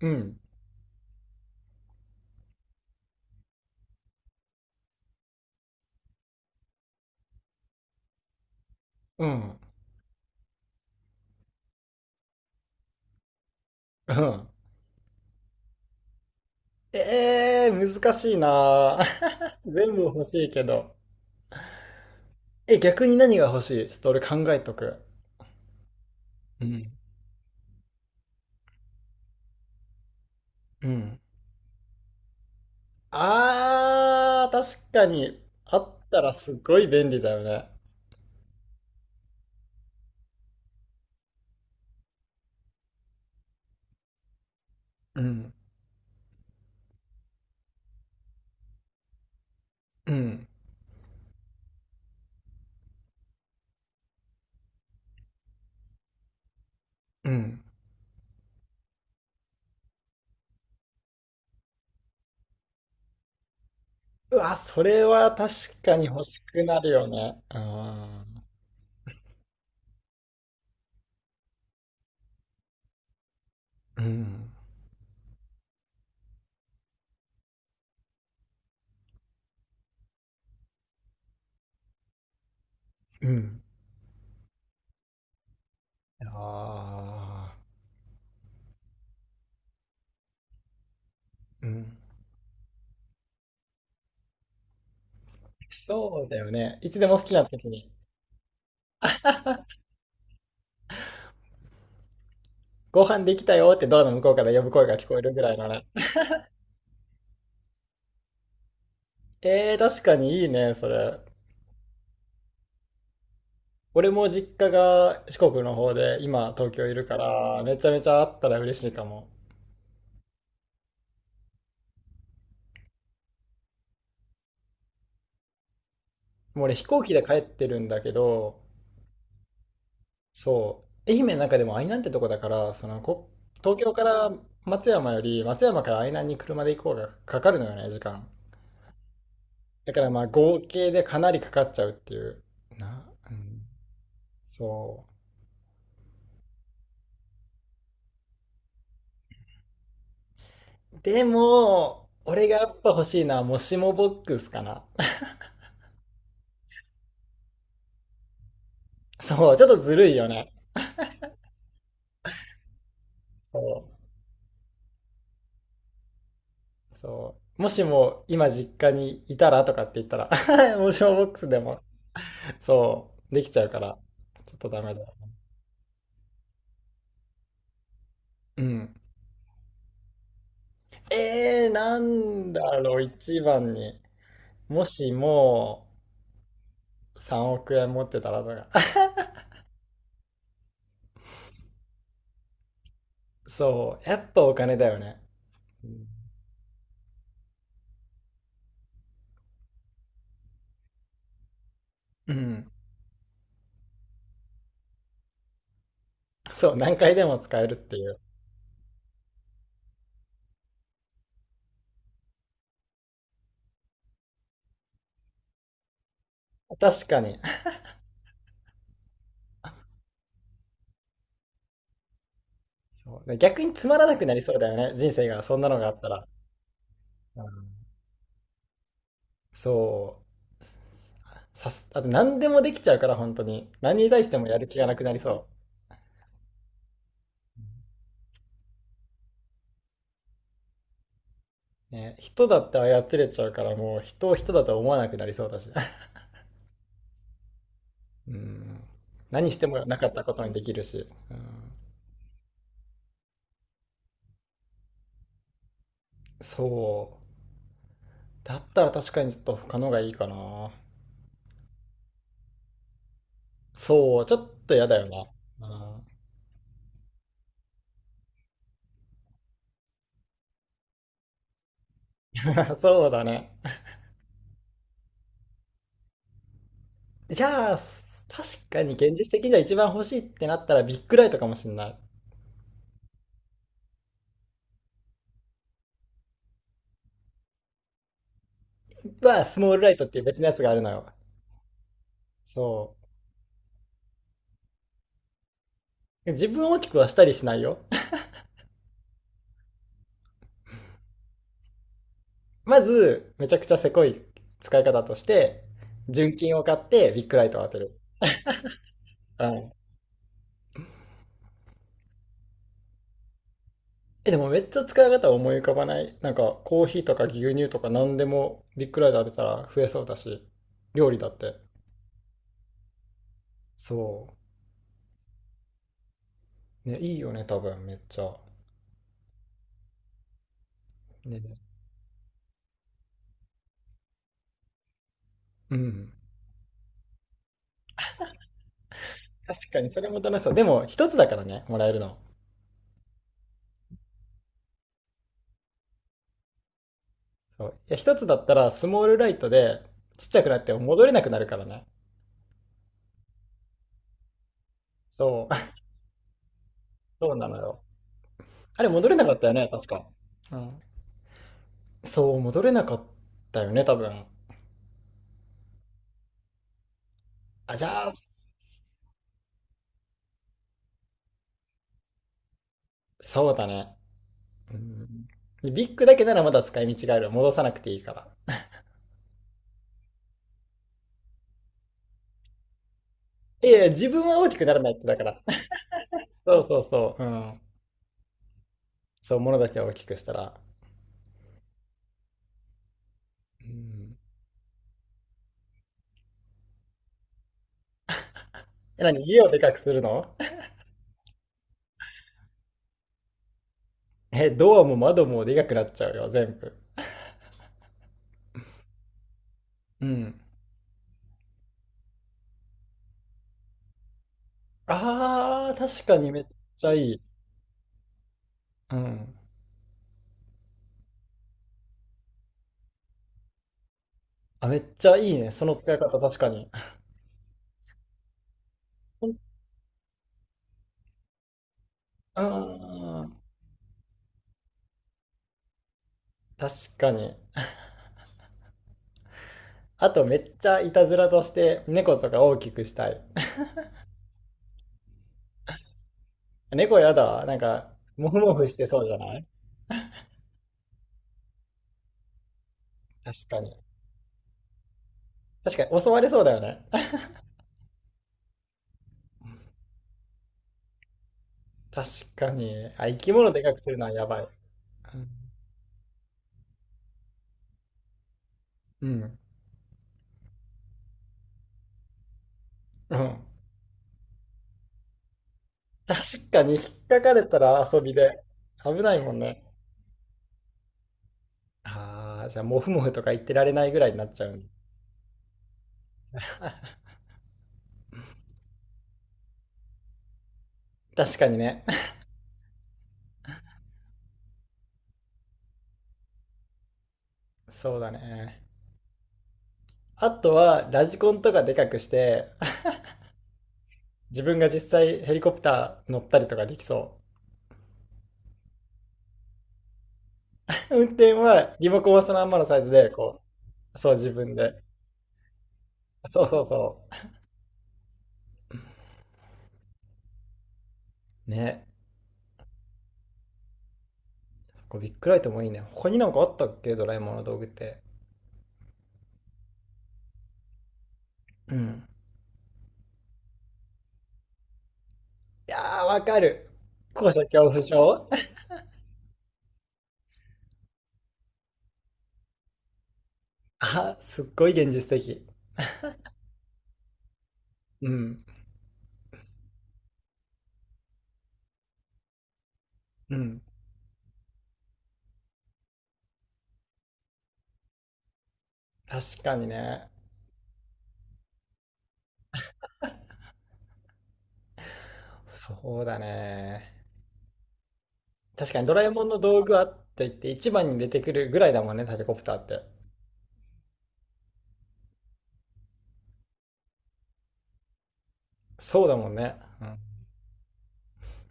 うん。うん。うん。難しいなぁ。 全部欲しいけど。え、逆に何が欲しいちょっと俺考えとく。うん。うん。あー、確かに。あったらすごい便利だよね。うん。うん。うん。うわ、それは確かに欲しくなるよね。あー。うん。うん。あー。うん。そうだよね。いつでも好きな時に。ご飯できたよってドアの向こうから呼ぶ声が聞こえるぐらいのね。えー、確かにいいね、それ。俺も実家が四国の方で、今東京いるから、めちゃめちゃあったら嬉しいかも。もう俺飛行機で帰ってるんだけど、そう。愛媛の中でも愛南ってとこだから、そのこ、東京から松山より、松山から愛南に車で行こうがかかるのよね、時間。だからまあ合計でかなりかかっちゃうっていう。うん、そう。でも、俺がやっぱ欲しいのは、もしもボックスかな。そう、ちょっとずるいよね。そう、そう。もしも今実家にいたらとかって言ったら もしもボックスでも、そう、できちゃうから、ちょっとダメだ。うん。なんだろう、一番に。もしも3億円持ってたらとか。そう、やっぱお金だよね。うん。うん、そう、何回でも使えるっていう。確かに。そう。逆につまらなくなりそうだよね。人生が、そんなのがあったら。うん、そう。あと何でもできちゃうから、本当に。何に対してもやる気がなくなりそう。ね、人だって操れちゃうから、もう人を人だとは思わなくなりそうだし。うん。何してもなかったことにできるし。うん。そう。だったら確かにちょっと他のがいいかな。そう、ちょっと嫌だよな。うん、そうだね。じゃあ、確かに現実的にじゃ一番欲しいってなったらビッグライトかもしれない。スモールライトっていう別のやつがあるのよ。そう。自分を大きくはしたりしないよ。まず、めちゃくちゃせこい使い方として、純金を買ってビッグライトを当てる。うん。え、でもめっちゃ使い方は思い浮かばない。なんか、コーヒーとか牛乳とか何でもビッグライト当てたら増えそうだし、料理だって。そう。ね、いいよね、多分、めっちゃ。ね。うん。確かに、それも楽しそう。でも、一つだからね、もらえるの。そう。いや、一つだったら、スモールライトで、ちっちゃくなって戻れなくなるからね。そう。そうなのよ。あれ、戻れなかったよね、確か。うん。そう、戻れなかったよね、多分。あ、じゃあ、そうだね。うん。でビッグだけならまだ使い道がある。戻さなくていいから。いやいや、自分は大きくならないってだから。そうそうそう。うん。そう、物だけは大きくしたら。うん。え、何、家をでかくするの？ え、ドアも窓もでかくなっちゃうよ、全部。うん。ああ、確かにめっちゃいい。うん。あ、めっちゃいいね。その使い方確かに。ああ、確かに。あとめっちゃいたずらとして猫とか大きくしたい。猫やだわ。なんか、もふもふしてそうじゃない？確かに。確かに、襲われそうだよね。確かに。あ、生き物でかくするのはやばい。うん。うん。確かに、引っかかれたら遊びで。危ないもんね。ああ、じゃあ、もふもふとか言ってられないぐらいになっちゃうんだ。確かにね。そうだね。あとは、ラジコンとかでかくして、自分が実際ヘリコプター乗ったりとかできそう。運転はリモコンはそのまんまのサイズで、こう、そう自分で。そうそうそう。ね。そこビッグライトもいいね。他になんかあったっけ、ドラえもんの道具って。うん。いやー、わかる。高所恐怖症？ あ、すっごい現実的。うん。うん。確かにね。そうだね。確かにドラえもんの道具あって言って一番に出てくるぐらいだもんね、タケコプターって。そうだもんね。うん。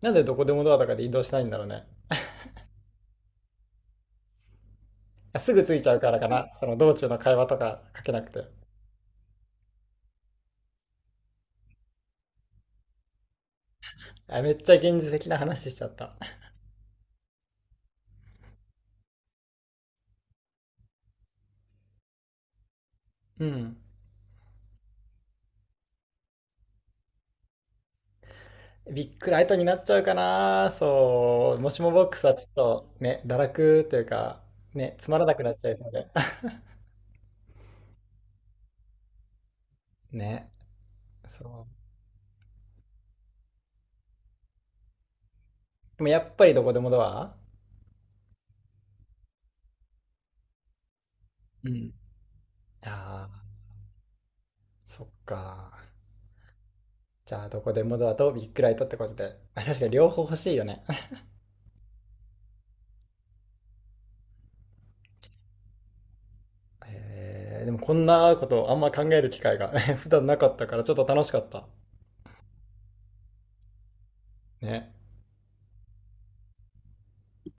なんでどこでもドアとかで移動しないんだろうね。あ、すぐ着いちゃうからかな。その道中の会話とかかけなくて。あ、めっちゃ現実的な話しちゃった。うん。ビックライトになっちゃうかな。そう。もしもボックスはちょっとね、堕落というか、ね、つまらなくなっちゃうので。ね。そう。でもやっぱりどこでもドア、うん。ああ、そっか。じゃあ、どこでもドアとビッグライトってことで。確かに両方欲しいよね。でもこんなことあんま考える機会が 普段なかったからちょっと楽しかった。ね。